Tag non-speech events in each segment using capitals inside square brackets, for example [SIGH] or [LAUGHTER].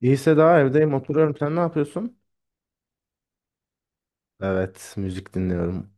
İyiyse daha evdeyim oturuyorum. Sen ne yapıyorsun? Evet müzik dinliyorum.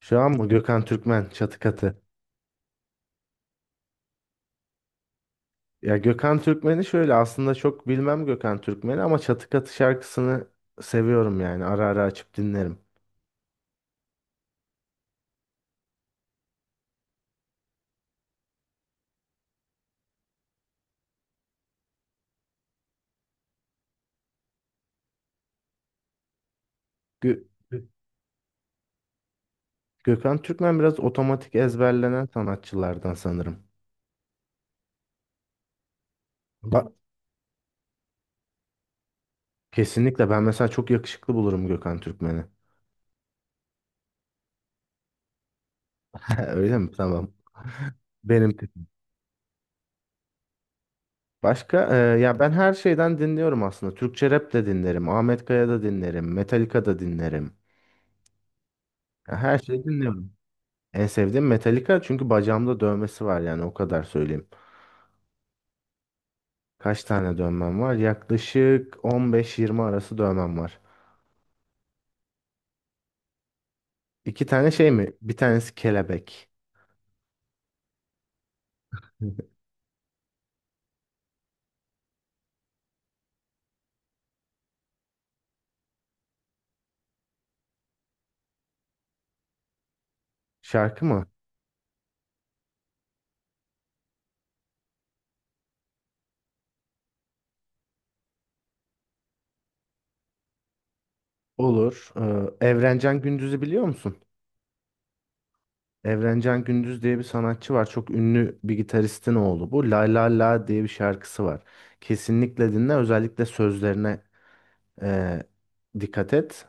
Şu an mı? Gökhan Türkmen Çatı Katı. Ya Gökhan Türkmen'i şöyle aslında çok bilmem Gökhan Türkmen'i ama Çatı Katı şarkısını seviyorum yani ara ara açıp dinlerim. Gö- Gökhan Türkmen biraz otomatik ezberlenen sanatçılardan sanırım. Ba- Kesinlikle ben mesela çok yakışıklı bulurum Gökhan Türkmen'i. [LAUGHS] Öyle mi? Tamam. Benim Başka ya ben her şeyden dinliyorum aslında. Türkçe rap de dinlerim, Ahmet Kaya da dinlerim, Metallica da dinlerim. Ya her şeyi dinliyorum. En sevdiğim Metallica çünkü bacağımda dövmesi var, yani o kadar söyleyeyim. Kaç tane dövmem var? Yaklaşık 15-20 arası dövmem var. İki tane şey mi? Bir tanesi kelebek. [LAUGHS] Şarkı mı? Olur. Evrencan Gündüz'ü biliyor musun? Evrencan Gündüz diye bir sanatçı var. Çok ünlü bir gitaristin oğlu bu. La La La diye bir şarkısı var. Kesinlikle dinle. Özellikle sözlerine eee, dikkat et.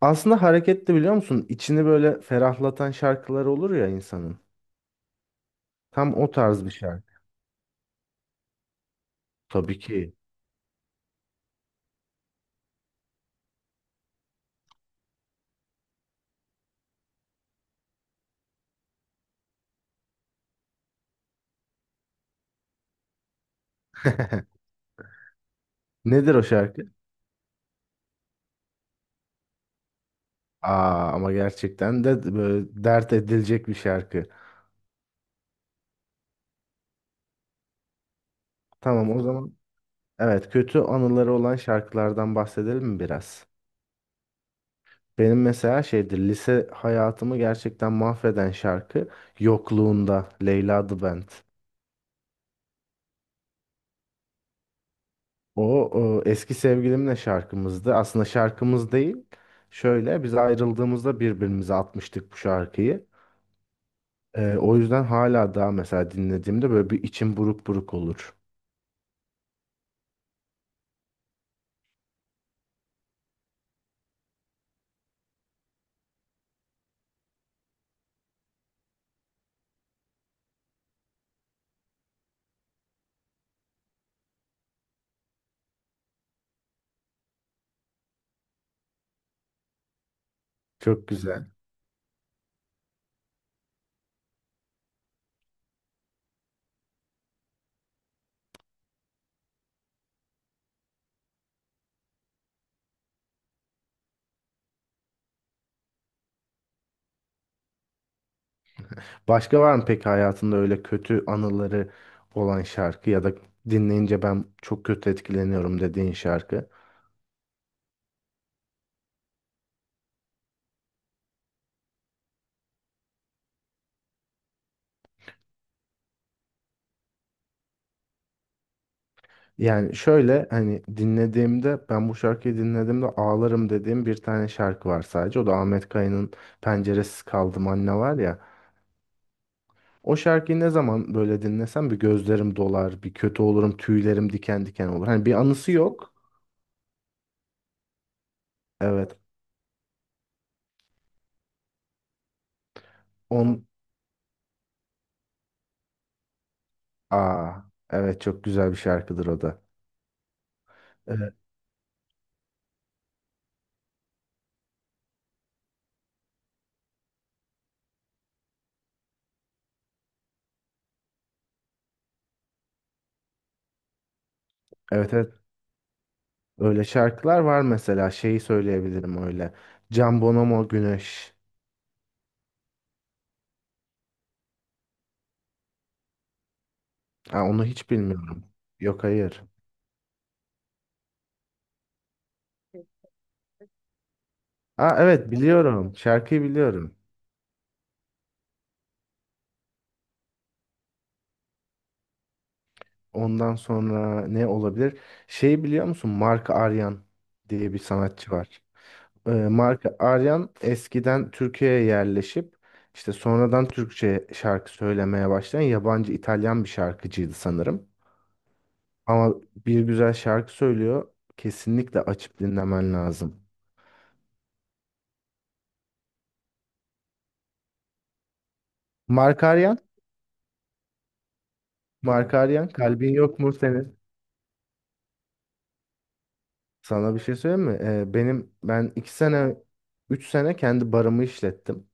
Aslında hareketli, biliyor musun? İçini böyle ferahlatan şarkılar olur ya insanın. Tam o tarz bir şarkı. Tabii ki. [LAUGHS] Nedir o şarkı? Aa, ama gerçekten de böyle dert edilecek bir şarkı. Tamam o zaman. Evet, kötü anıları olan şarkılardan bahsedelim mi biraz? Benim mesela şeydir, lise hayatımı gerçekten mahveden şarkı Yokluğunda Leyla The Band. O, o eski sevgilimle şarkımızdı. Aslında şarkımız değil. Şöyle, biz ayrıldığımızda birbirimize atmıştık bu şarkıyı. O yüzden hala daha mesela dinlediğimde böyle bir içim buruk buruk olur. Çok güzel. Başka var mı peki hayatında öyle kötü anıları olan şarkı ya da dinleyince ben çok kötü etkileniyorum dediğin şarkı? Yani şöyle, hani dinlediğimde, ben bu şarkıyı dinlediğimde ağlarım dediğim bir tane şarkı var sadece. O da Ahmet Kaya'nın Penceresiz Kaldım Anne var ya. O şarkıyı ne zaman böyle dinlesem bir gözlerim dolar, bir kötü olurum, tüylerim diken diken olur. Hani bir anısı yok. Evet. On Aa, evet çok güzel bir şarkıdır o da. Evet evet, öyle şarkılar var. Mesela şeyi söyleyebilirim, öyle. Can Bonomo Güneş. Ha, onu hiç bilmiyorum. Yok, hayır. Aa, evet biliyorum. Şarkıyı biliyorum. Ondan sonra ne olabilir? Şeyi biliyor musun? Mark Aryan diye bir sanatçı var. Mark Aryan eskiden Türkiye'ye yerleşip işte sonradan Türkçe şarkı söylemeye başlayan yabancı, İtalyan bir şarkıcıydı sanırım. Ama bir güzel şarkı söylüyor. Kesinlikle açıp dinlemen lazım. Mark Aryan, Mark Aryan, kalbin yok mu senin? Sana bir şey söyleyeyim mi? Ben iki sene 3 sene kendi barımı işlettim.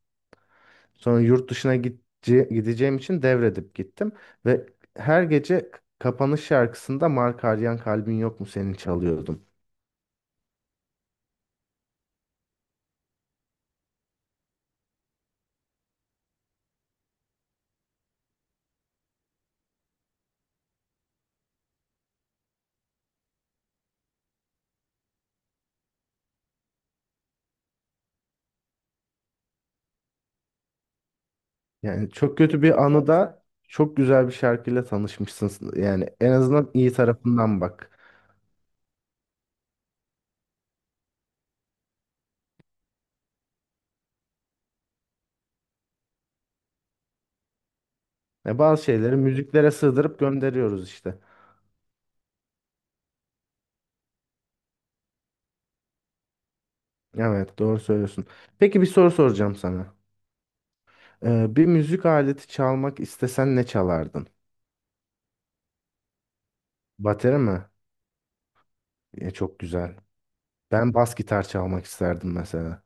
Sonra yurt dışına gideceğim için devredip gittim. Ve her gece kapanış şarkısında Mark Aryan Kalbin Yok Mu Senin çalıyordum. Yani çok kötü bir anıda çok güzel bir şarkıyla tanışmışsın. Yani en azından iyi tarafından bak. Ya bazı şeyleri müziklere sığdırıp gönderiyoruz işte. Evet, doğru söylüyorsun. Peki bir soru soracağım sana. Bir müzik aleti çalmak istesen ne çalardın? Bateri mi? E, çok güzel. Ben bas gitar çalmak isterdim mesela.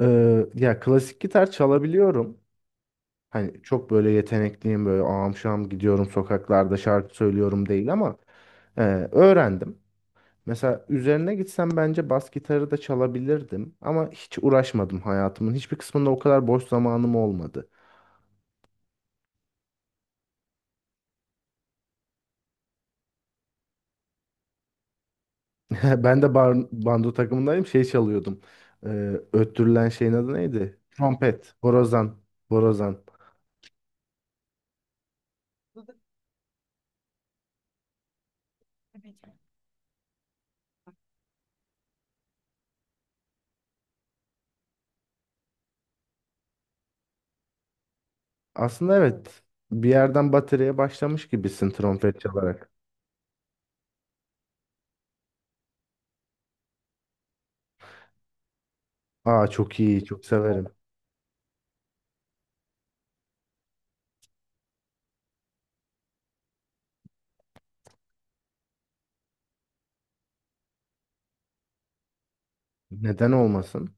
Ya klasik gitar çalabiliyorum. Hani çok böyle yetenekliyim, böyle ağam şam gidiyorum sokaklarda şarkı söylüyorum değil ama e, öğrendim. Mesela üzerine gitsem bence bas gitarı da çalabilirdim ama hiç uğraşmadım hayatımın. Hiçbir kısmında o kadar boş zamanım olmadı. [LAUGHS] Ben de bando takımındayım şey çalıyordum. Öttürülen şeyin adı neydi? Trompet, borazan. Aslında evet, bir yerden bataryaya başlamış gibisin trompet çalarak. Aa, çok iyi, çok severim. Neden olmasın?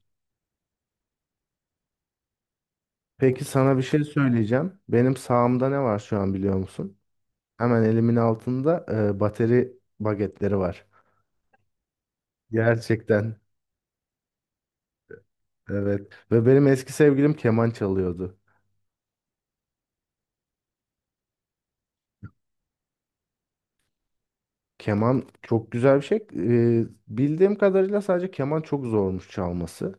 Peki sana bir şey söyleyeceğim. Benim sağımda ne var şu an, biliyor musun? Hemen elimin altında bateri bagetleri var. Gerçekten. Evet. Ve benim eski sevgilim keman çalıyordu. Keman çok güzel bir şey. E, bildiğim kadarıyla sadece keman çok zormuş çalması.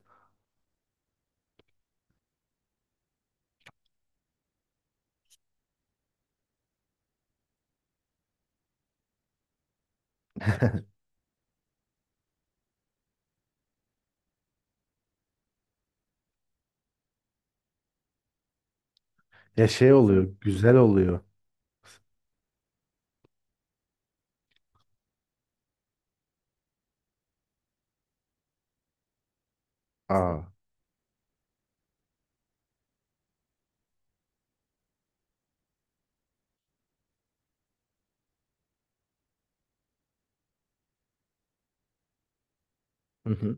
Ya şey oluyor, güzel oluyor. Aa. Hı hı.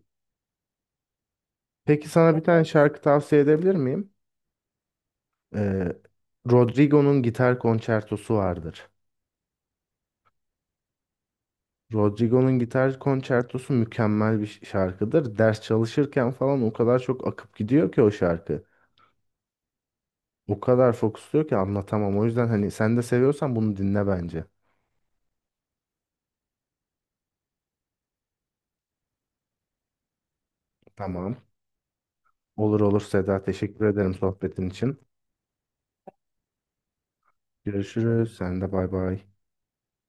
Peki sana bir tane şarkı tavsiye edebilir miyim? Ee, Rodrigo'nun gitar konçertosu vardır. Rodrigo'nun gitar konçertosu mükemmel bir şarkıdır. Ders çalışırken falan o kadar çok akıp gidiyor ki o şarkı. O kadar fokusluyor ki anlatamam. O yüzden hani sen de seviyorsan bunu dinle bence. Tamam. Olur olur Seda. Teşekkür ederim sohbetin için. Görüşürüz. Sen de bay bay.